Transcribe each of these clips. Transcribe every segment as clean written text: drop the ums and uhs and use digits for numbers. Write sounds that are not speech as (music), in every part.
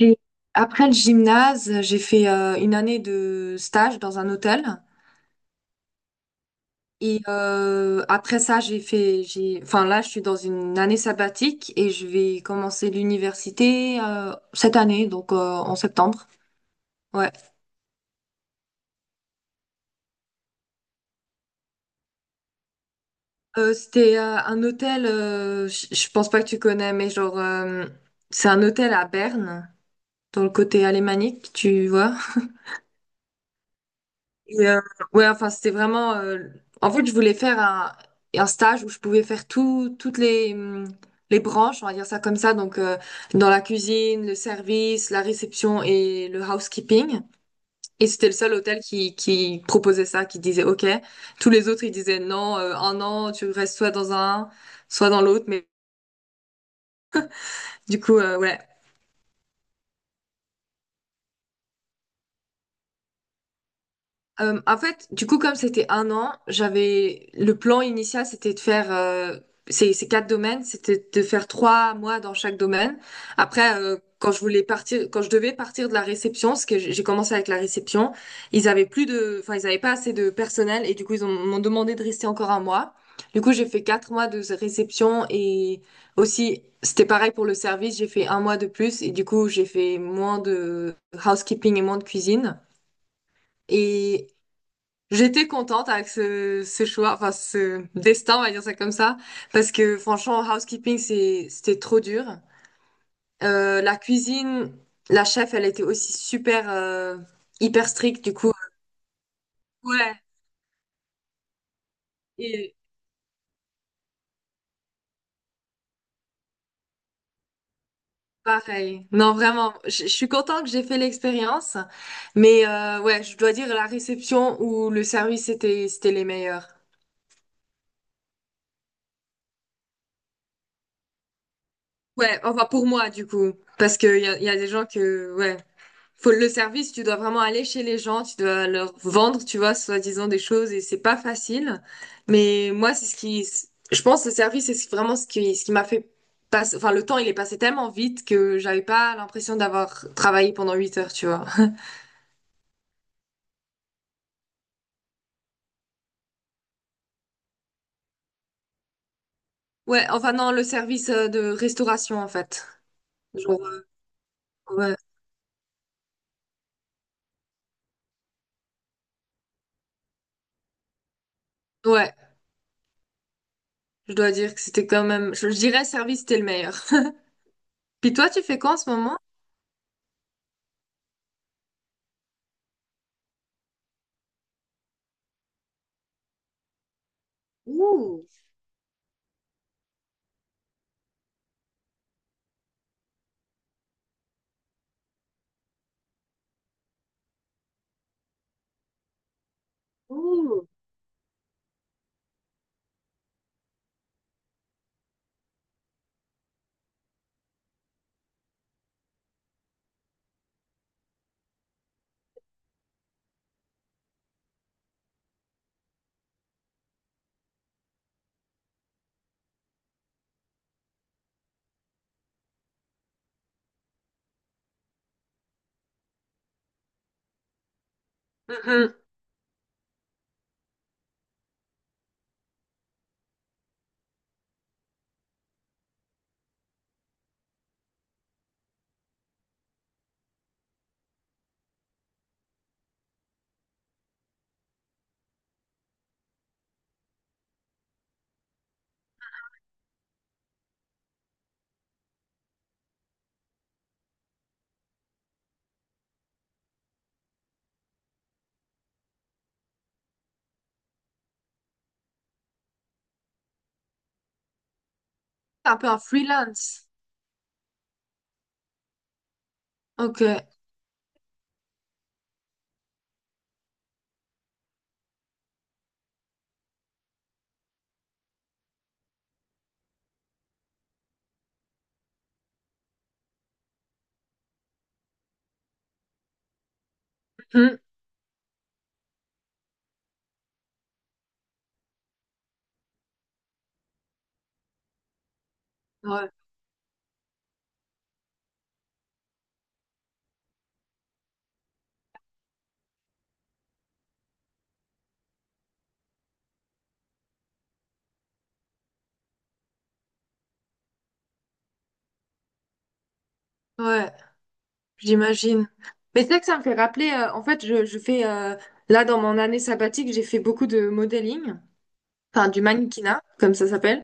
Et après le gymnase, j'ai fait une année de stage dans un hôtel. Après ça, enfin là, je suis dans une année sabbatique et je vais commencer l'université cette année, donc en septembre. Ouais. C'était un hôtel, je pense pas que tu connais, mais genre, c'est un hôtel à Berne, dans le côté alémanique, tu vois. Et, ouais, enfin, c'était vraiment, en fait, je voulais faire un stage où je pouvais faire tout, toutes les branches, on va dire ça comme ça. Donc, dans la cuisine, le service, la réception et le housekeeping. Et c'était le seul hôtel qui proposait ça, qui disait OK. Tous les autres, ils disaient non, un an, tu restes soit dans un, soit dans l'autre. Mais du coup, ouais. En fait, du coup, comme c'était un an, j'avais le plan initial, c'était de faire ces quatre domaines, c'était de faire 3 mois dans chaque domaine. Après, quand je voulais partir, quand je devais partir de la réception, parce que j'ai commencé avec la réception, ils avaient plus de, enfin, ils avaient pas assez de personnel et du coup, m'ont demandé de rester encore un mois. Du coup, j'ai fait 4 mois de réception et aussi, c'était pareil pour le service, j'ai fait un mois de plus et du coup, j'ai fait moins de housekeeping et moins de cuisine. Et j'étais contente avec ce choix, enfin ce destin, on va dire ça comme ça, parce que franchement, housekeeping, c'était trop dur. La cuisine, la chef, elle était aussi super, hyper stricte, du coup. Ouais, et pareil. Non, vraiment, je suis contente que j'ai fait l'expérience, mais ouais, je dois dire la réception ou le service, c'était les meilleurs. Ouais, enfin pour moi, du coup, parce qu'il y a des gens que, ouais. Faut le service, tu dois vraiment aller chez les gens, tu dois leur vendre, tu vois, soi-disant des choses et c'est pas facile. Mais moi, c'est ce qui, je pense, le service, vraiment ce qui m'a fait passer, enfin, le temps, il est passé tellement vite que j'avais pas l'impression d'avoir travaillé pendant 8 heures, tu vois. (laughs) Ouais, enfin, non, le service de restauration, en fait. Genre, ouais, ouais, je dois dire que c'était quand même, je dirais service, c'était le meilleur. (laughs) Puis toi, tu fais quoi en ce moment? Mhm. Un peu un freelance. Ok. Mhm. Ouais, ouais. J'imagine. Mais c'est vrai que ça me fait rappeler, en fait, là, dans mon année sabbatique, j'ai fait beaucoup de modeling, enfin, du mannequinat, comme ça s'appelle.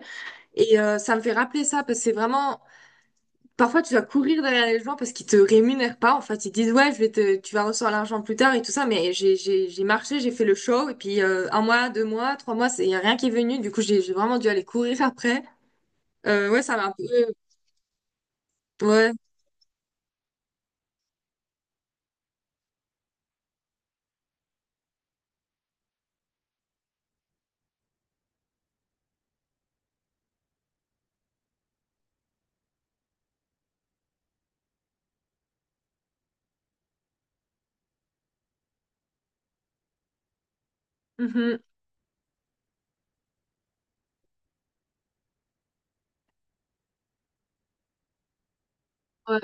Et ça me fait rappeler ça, parce que c'est vraiment, parfois, tu dois courir derrière les gens parce qu'ils te rémunèrent pas. En fait, ils disent, ouais, tu vas recevoir l'argent plus tard et tout ça. Mais j'ai marché, j'ai fait le show, et puis un mois, 2 mois, 3 mois, il y a rien qui est venu. Du coup, j'ai vraiment dû aller courir après. Ouais, ça m'a un peu, ouais. Mhm. Ouais.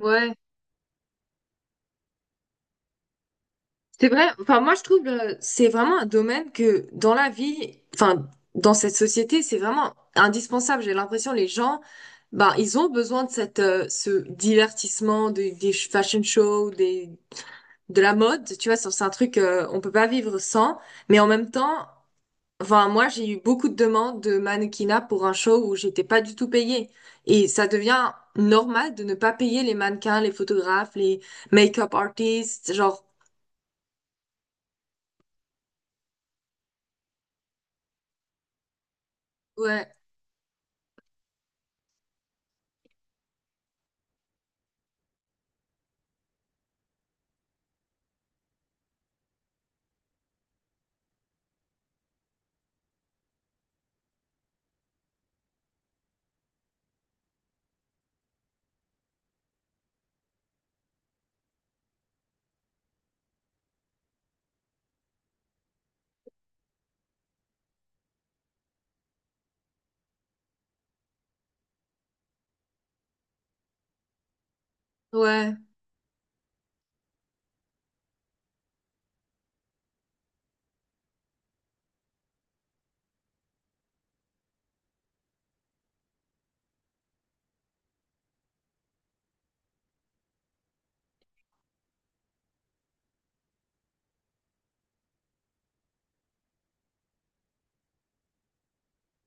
Ouais. C'est vrai, enfin moi je trouve c'est vraiment un domaine que dans la vie, enfin dans cette société, c'est vraiment indispensable. J'ai l'impression les gens, ben ils ont besoin de cette ce divertissement, des fashion shows, des de la mode, tu vois, c'est un truc on peut pas vivre sans. Mais en même temps, enfin moi j'ai eu beaucoup de demandes de mannequinat pour un show où j'étais pas du tout payée et ça devient normal de ne pas payer les mannequins, les photographes, les make-up artists, genre ouais. Ouais,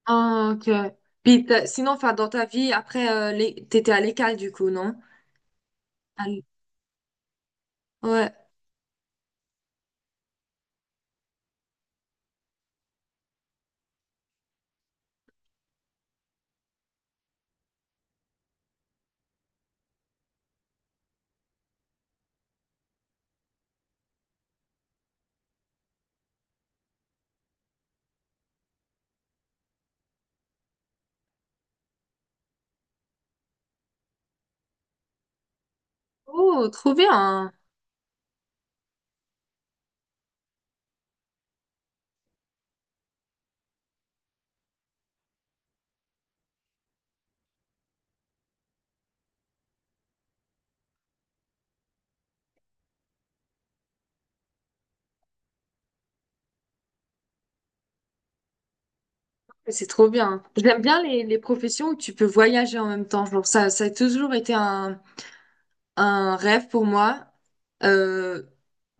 ah, ok. Puis sinon, enfin, dans ta vie, après, t'étais à l'école du coup, non? À l- Ouais. Oh, trop bien. C'est trop bien. J'aime bien les professions où tu peux voyager en même temps. Genre, ça a toujours été un rêve pour moi. Euh,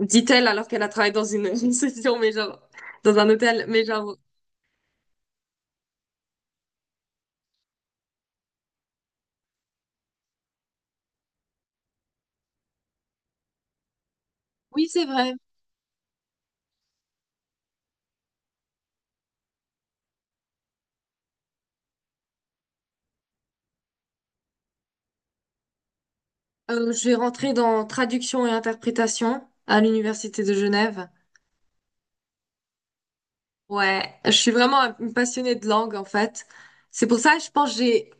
Dit-elle alors qu'elle a travaillé dans une (laughs) une session, mais genre, dans un hôtel. Mais genre, oui, c'est vrai. Je vais rentrer dans traduction et interprétation à l'université de Genève. Ouais, je suis vraiment une passionnée de langue en fait. C'est pour ça, je pense, que j'ai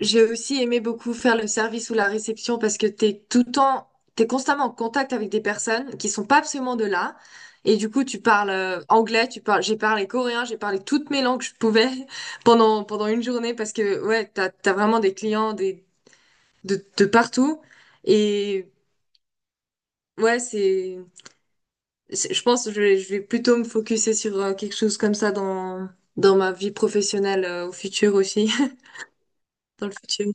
j'ai aussi aimé beaucoup faire le service ou la réception parce que t'es tout le temps, t'es constamment en contact avec des personnes qui sont pas absolument de là. Et du coup, tu parles anglais, tu parles, j'ai parlé coréen, j'ai parlé toutes mes langues que je pouvais (laughs) pendant une journée parce que ouais, t'as vraiment des clients des de partout. Et ouais, je pense que je vais plutôt me focuser sur quelque chose comme ça dans ma vie professionnelle au futur aussi, (laughs) dans le futur.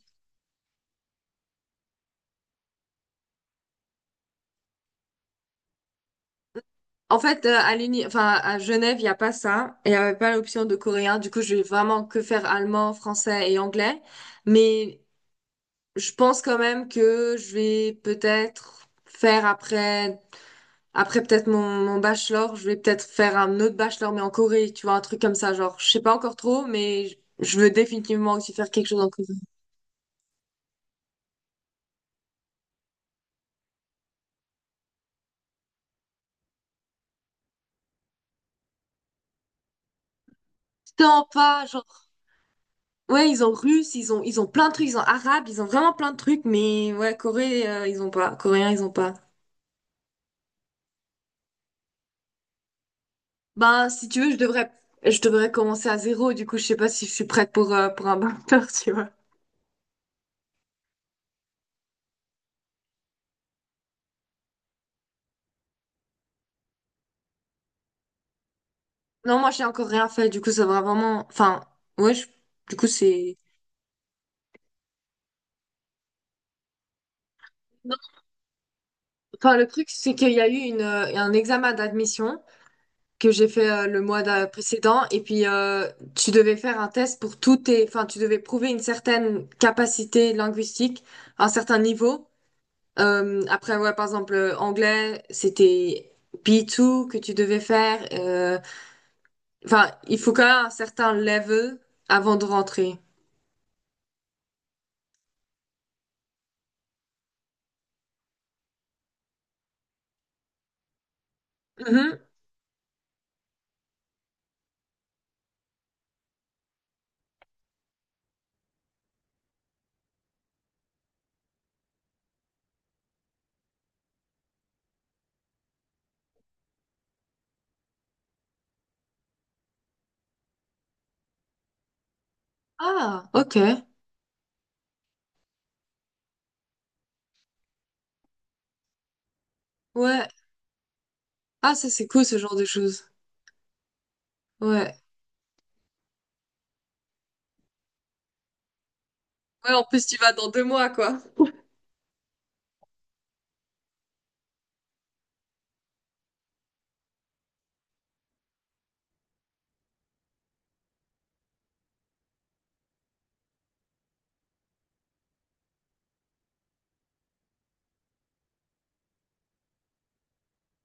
En fait, à l'uni, enfin, à Genève, il n'y a pas ça. Il n'y avait pas l'option de coréen. Du coup, je vais vraiment que faire allemand, français et anglais. Mais je pense quand même que je vais peut-être faire après peut-être mon bachelor, je vais peut-être faire un autre bachelor, mais en Corée, tu vois, un truc comme ça. Genre, je sais pas encore trop, mais je veux définitivement aussi faire quelque chose en Corée. Tant pas, genre, ouais, ils ont russe, ils ont plein de trucs, ils ont arabe, ils ont vraiment plein de trucs, mais ouais, Corée, ils ont pas, coréen, ils ont pas. Ben, si tu veux, je devrais commencer à zéro, du coup, je sais pas si je suis prête pour un master, (laughs) tu vois. Non, moi, j'ai encore rien fait, du coup, ça va vraiment, enfin, ouais, du coup, c'est. Non, enfin, le truc, c'est qu'il y a eu un examen d'admission. Que j'ai fait le mois précédent. Et puis, tu devais faire un test pour tous tes. Enfin, tu devais prouver une certaine capacité linguistique, un certain niveau. Après, ouais, par exemple, anglais, c'était B2 que tu devais faire. Enfin, il faut quand même un certain level avant de rentrer. Mhm. Ah, ok. Ouais. Ah, ça, c'est cool, ce genre de choses. Ouais. Ouais, en plus, tu vas dans 2 mois, quoi.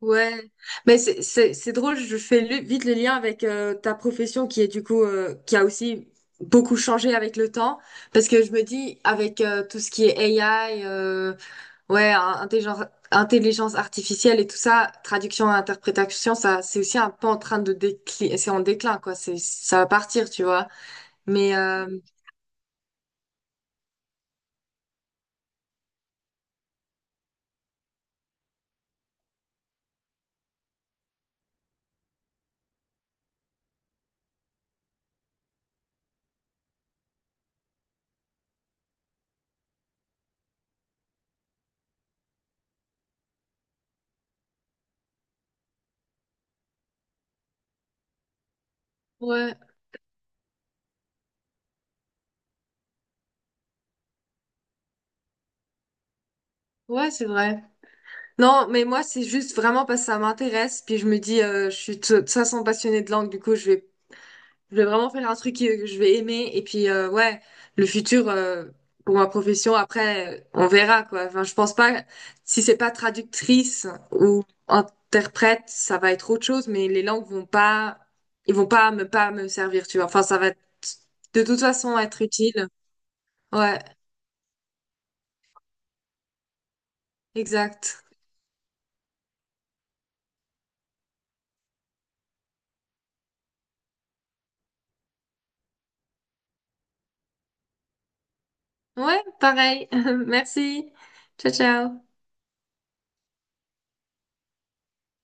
Ouais, mais c'est drôle, vite le lien avec ta profession qui est du coup qui a aussi beaucoup changé avec le temps parce que je me dis avec tout ce qui est AI ouais, intelligence artificielle et tout ça, traduction et interprétation, ça c'est aussi un peu en train de décliner, c'est en déclin quoi, c'est ça va partir, tu vois. Mais ouais, ouais, c'est vrai. Non, mais moi, c'est juste vraiment parce que ça m'intéresse. Puis je me dis, je suis de toute façon passionnée de langue, du coup, je vais vraiment faire un truc que je vais aimer. Et puis, ouais, le futur, pour ma profession, après, on verra, quoi. Enfin, je pense pas, si c'est pas traductrice ou interprète, ça va être autre chose, mais les langues vont pas, ils vont pas me servir, tu vois. Enfin, de toute façon être utile. Ouais, exact. Ouais, pareil. (laughs) Merci. Ciao, ciao.